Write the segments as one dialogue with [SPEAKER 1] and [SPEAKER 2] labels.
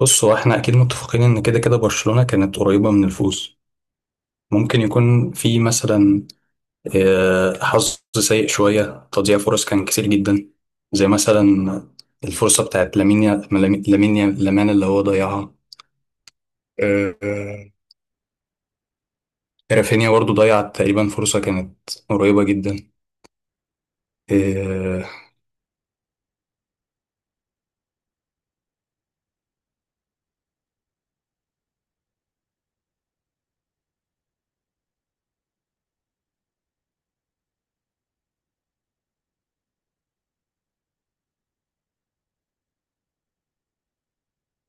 [SPEAKER 1] بص، هو احنا اكيد متفقين ان كده كده برشلونة كانت قريبة من الفوز. ممكن يكون في مثلا حظ سيء شوية، تضييع فرص كان كتير جدا. زي مثلا الفرصة بتاعت لامين يا- لامين لامين يا- لامان اللي هو ضيعها. آه، آه، رافينيا برضو ضيع تقريبا فرصة كانت قريبة جدا. آه،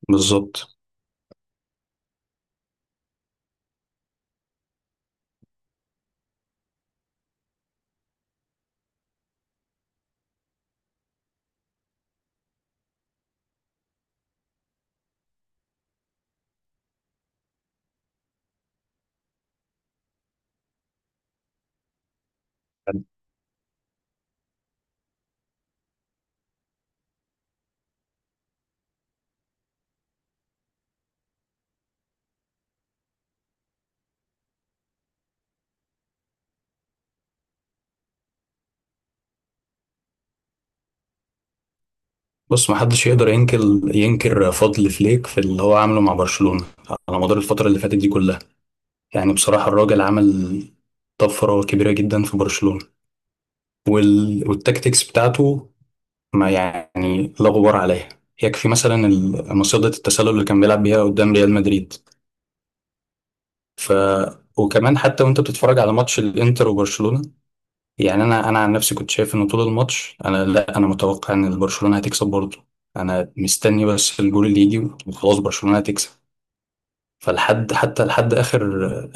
[SPEAKER 1] بالظبط. بص، محدش يقدر ينكر فضل فليك في اللي هو عامله مع برشلونة على مدار الفترة اللي فاتت دي كلها. يعني بصراحة الراجل عمل طفرة كبيرة جدا في برشلونة، والتكتيكس بتاعته ما يعني لا غبار عليها. يكفي مثلا مصيدة التسلل اللي كان بيلعب بيها قدام ريال مدريد. ف وكمان، حتى وانت بتتفرج على ماتش الانتر وبرشلونة، يعني انا عن نفسي كنت شايف ان طول الماتش انا، لا، انا متوقع ان برشلونة هتكسب برضه. انا مستني بس الجول اللي يجي وخلاص برشلونة هتكسب. فلحد حتى لحد اخر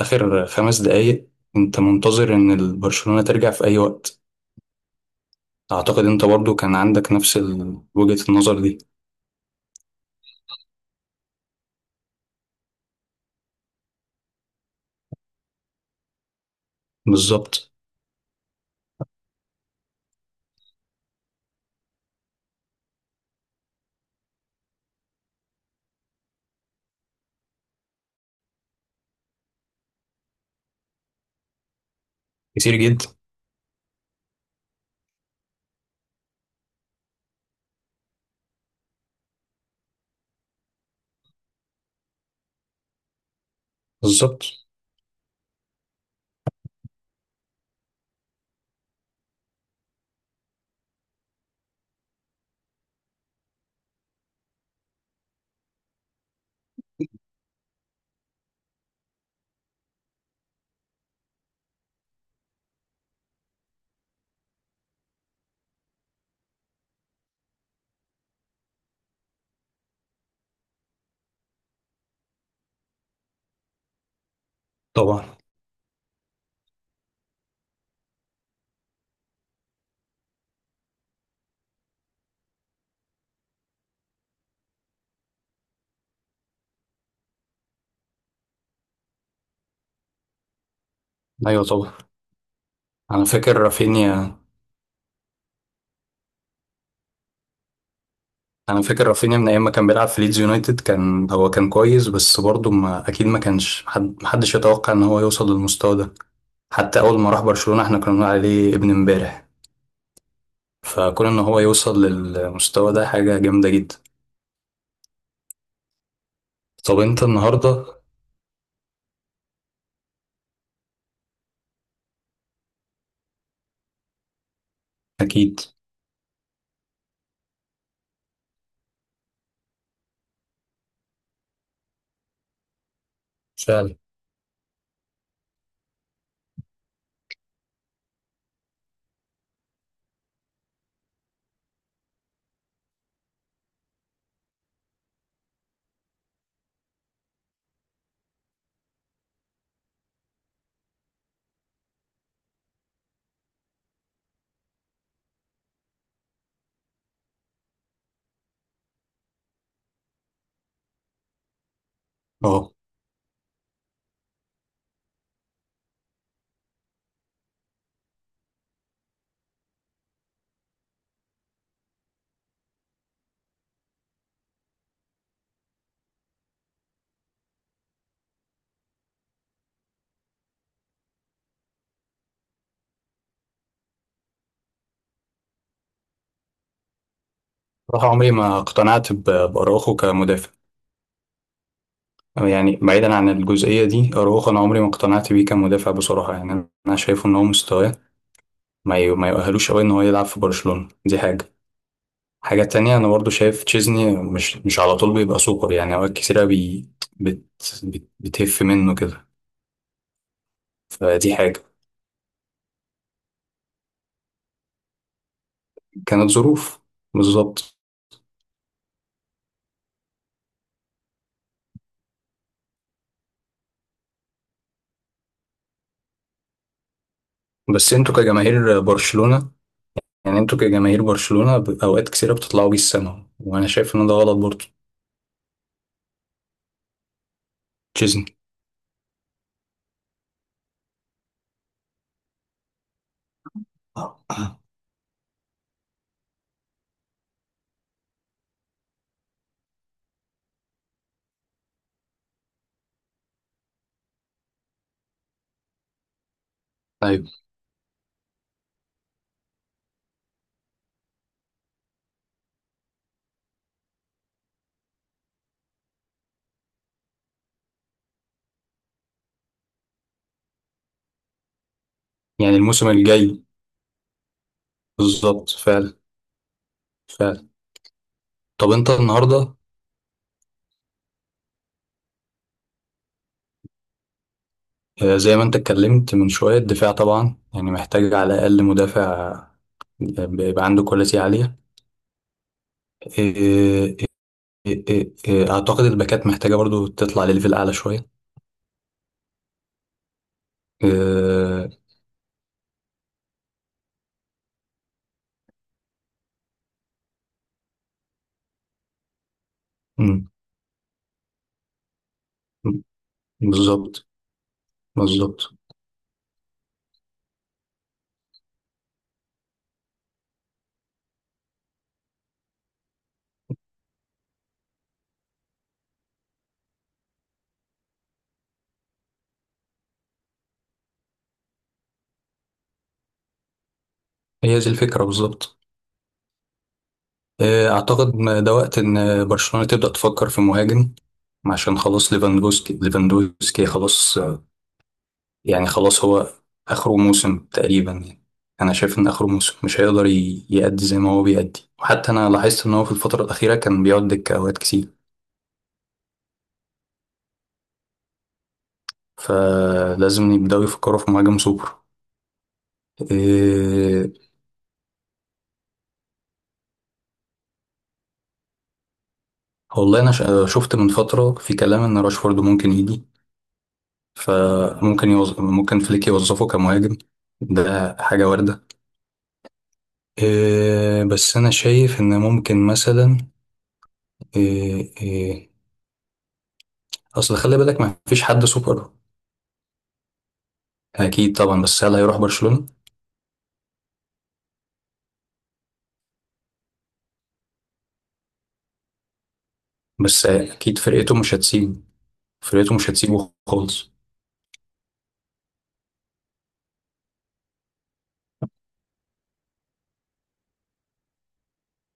[SPEAKER 1] اخر 5 دقايق، انت منتظر ان البرشلونة ترجع في اي وقت. اعتقد انت برضو كان عندك نفس وجهة النظر دي. بالظبط. كتير جدا. بالظبط. طبعا. ايوه طبعا. انا فاكر رافينيا. انا فاكر رافينيا من ايام ما كان بيلعب في ليدز يونايتد، كان هو كان كويس، بس برضو ما اكيد ما كانش حد محدش يتوقع ان هو يوصل للمستوى ده. حتى اول ما راح برشلونة احنا كنا بنقول عليه ابن امبارح. فكون ان هو يوصل للمستوى ده حاجة جامدة جدا. طب انت النهارده؟ اكيد. فعلا. اه. بصراحه عمري ما اقتنعت باراوخو كمدافع. يعني بعيدا عن الجزئيه دي اراوخو، انا عمري ما اقتنعت بيه كمدافع بصراحه يعني. انا شايف ان هو مستواه ما يؤهلوش قوي ان هو يلعب في برشلونه. دي حاجه. حاجه تانية، انا برضو شايف تشيزني مش على طول بيبقى سوبر. يعني اوقات كتيره بي بت بت بتهف منه كده. فدي حاجه. كانت ظروف. بالظبط. بس انتوا كجماهير برشلونة اوقات كثيرة بتطلعوا بيه السما، وانا شايف ان ده غلط برضه. تشيزني. ايوه. يعني الموسم الجاي. بالظبط. فعلا. فعلا. طب انت النهارده؟ زي ما انت اتكلمت من شويه، الدفاع طبعا يعني محتاج على الاقل مدافع بيبقى عنده كواليتي عاليه. آه، آه، اعتقد الباكات محتاجه برضو تطلع لليفل اعلى شويه. آه، مم، بالظبط. بالظبط. هي دي الفكره بالظبط. أعتقد إن ده وقت إن برشلونة تبدأ تفكر في مهاجم، عشان خلاص ليفاندوسكي، ليفاندوسكي خلاص. يعني خلاص هو آخره موسم تقريبا يعني. أنا شايف إن آخره موسم مش هيقدر يأدي زي ما هو بيأدي، وحتى أنا لاحظت إن هو في الفترة الأخيرة كان بيقعد دكة أوقات كتير. فلازم يبدأوا يفكروا في مهاجم سوبر. إيه. والله، أنا شفت من فترة في كلام إن راشفورد ممكن يجي. ممكن فليك يوظفه كمهاجم. ده حاجة واردة. إيه، بس انا شايف ان ممكن مثلا. إيه إيه. اصل خلي بالك ما فيش حد سوبر. اكيد طبعا، بس هل هيروح برشلونة؟ بس اكيد فرقته مش هتسيبه. فرقته مش هتسيبه خالص.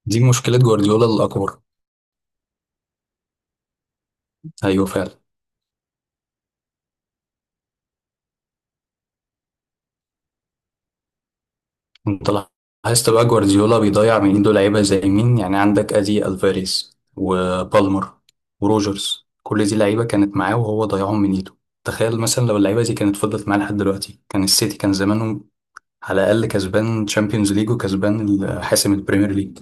[SPEAKER 1] دي مشكلة جوارديولا الاكبر. ايوه فعلا. انت لاحظت بقى جوارديولا بيضيع من ايده لعيبة زي مين؟ يعني عندك ادي الفاريز وبالمر وروجرز، كل دي لعيبة كانت معاه وهو ضيعهم من ايده. تخيل مثلا لو اللعيبة دي كانت فضلت معاه لحد دلوقتي، كان السيتي كان زمانه على الأقل كسبان تشامبيونز ليج وكسبان حاسم البريمير ليج.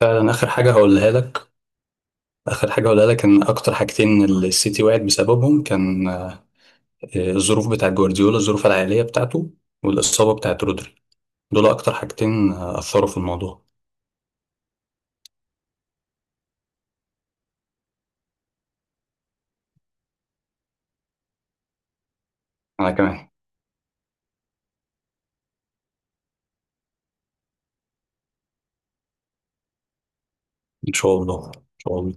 [SPEAKER 1] فعلا. آخر حاجة هقولها لك إن أكتر حاجتين السيتي وقعت بسببهم كان الظروف بتاعة جوارديولا، الظروف العائلية بتاعته، والإصابة بتاعة رودري. دول أكتر حاجتين أثروا في الموضوع. أنا كمان. إن شاء الله إن شاء الله.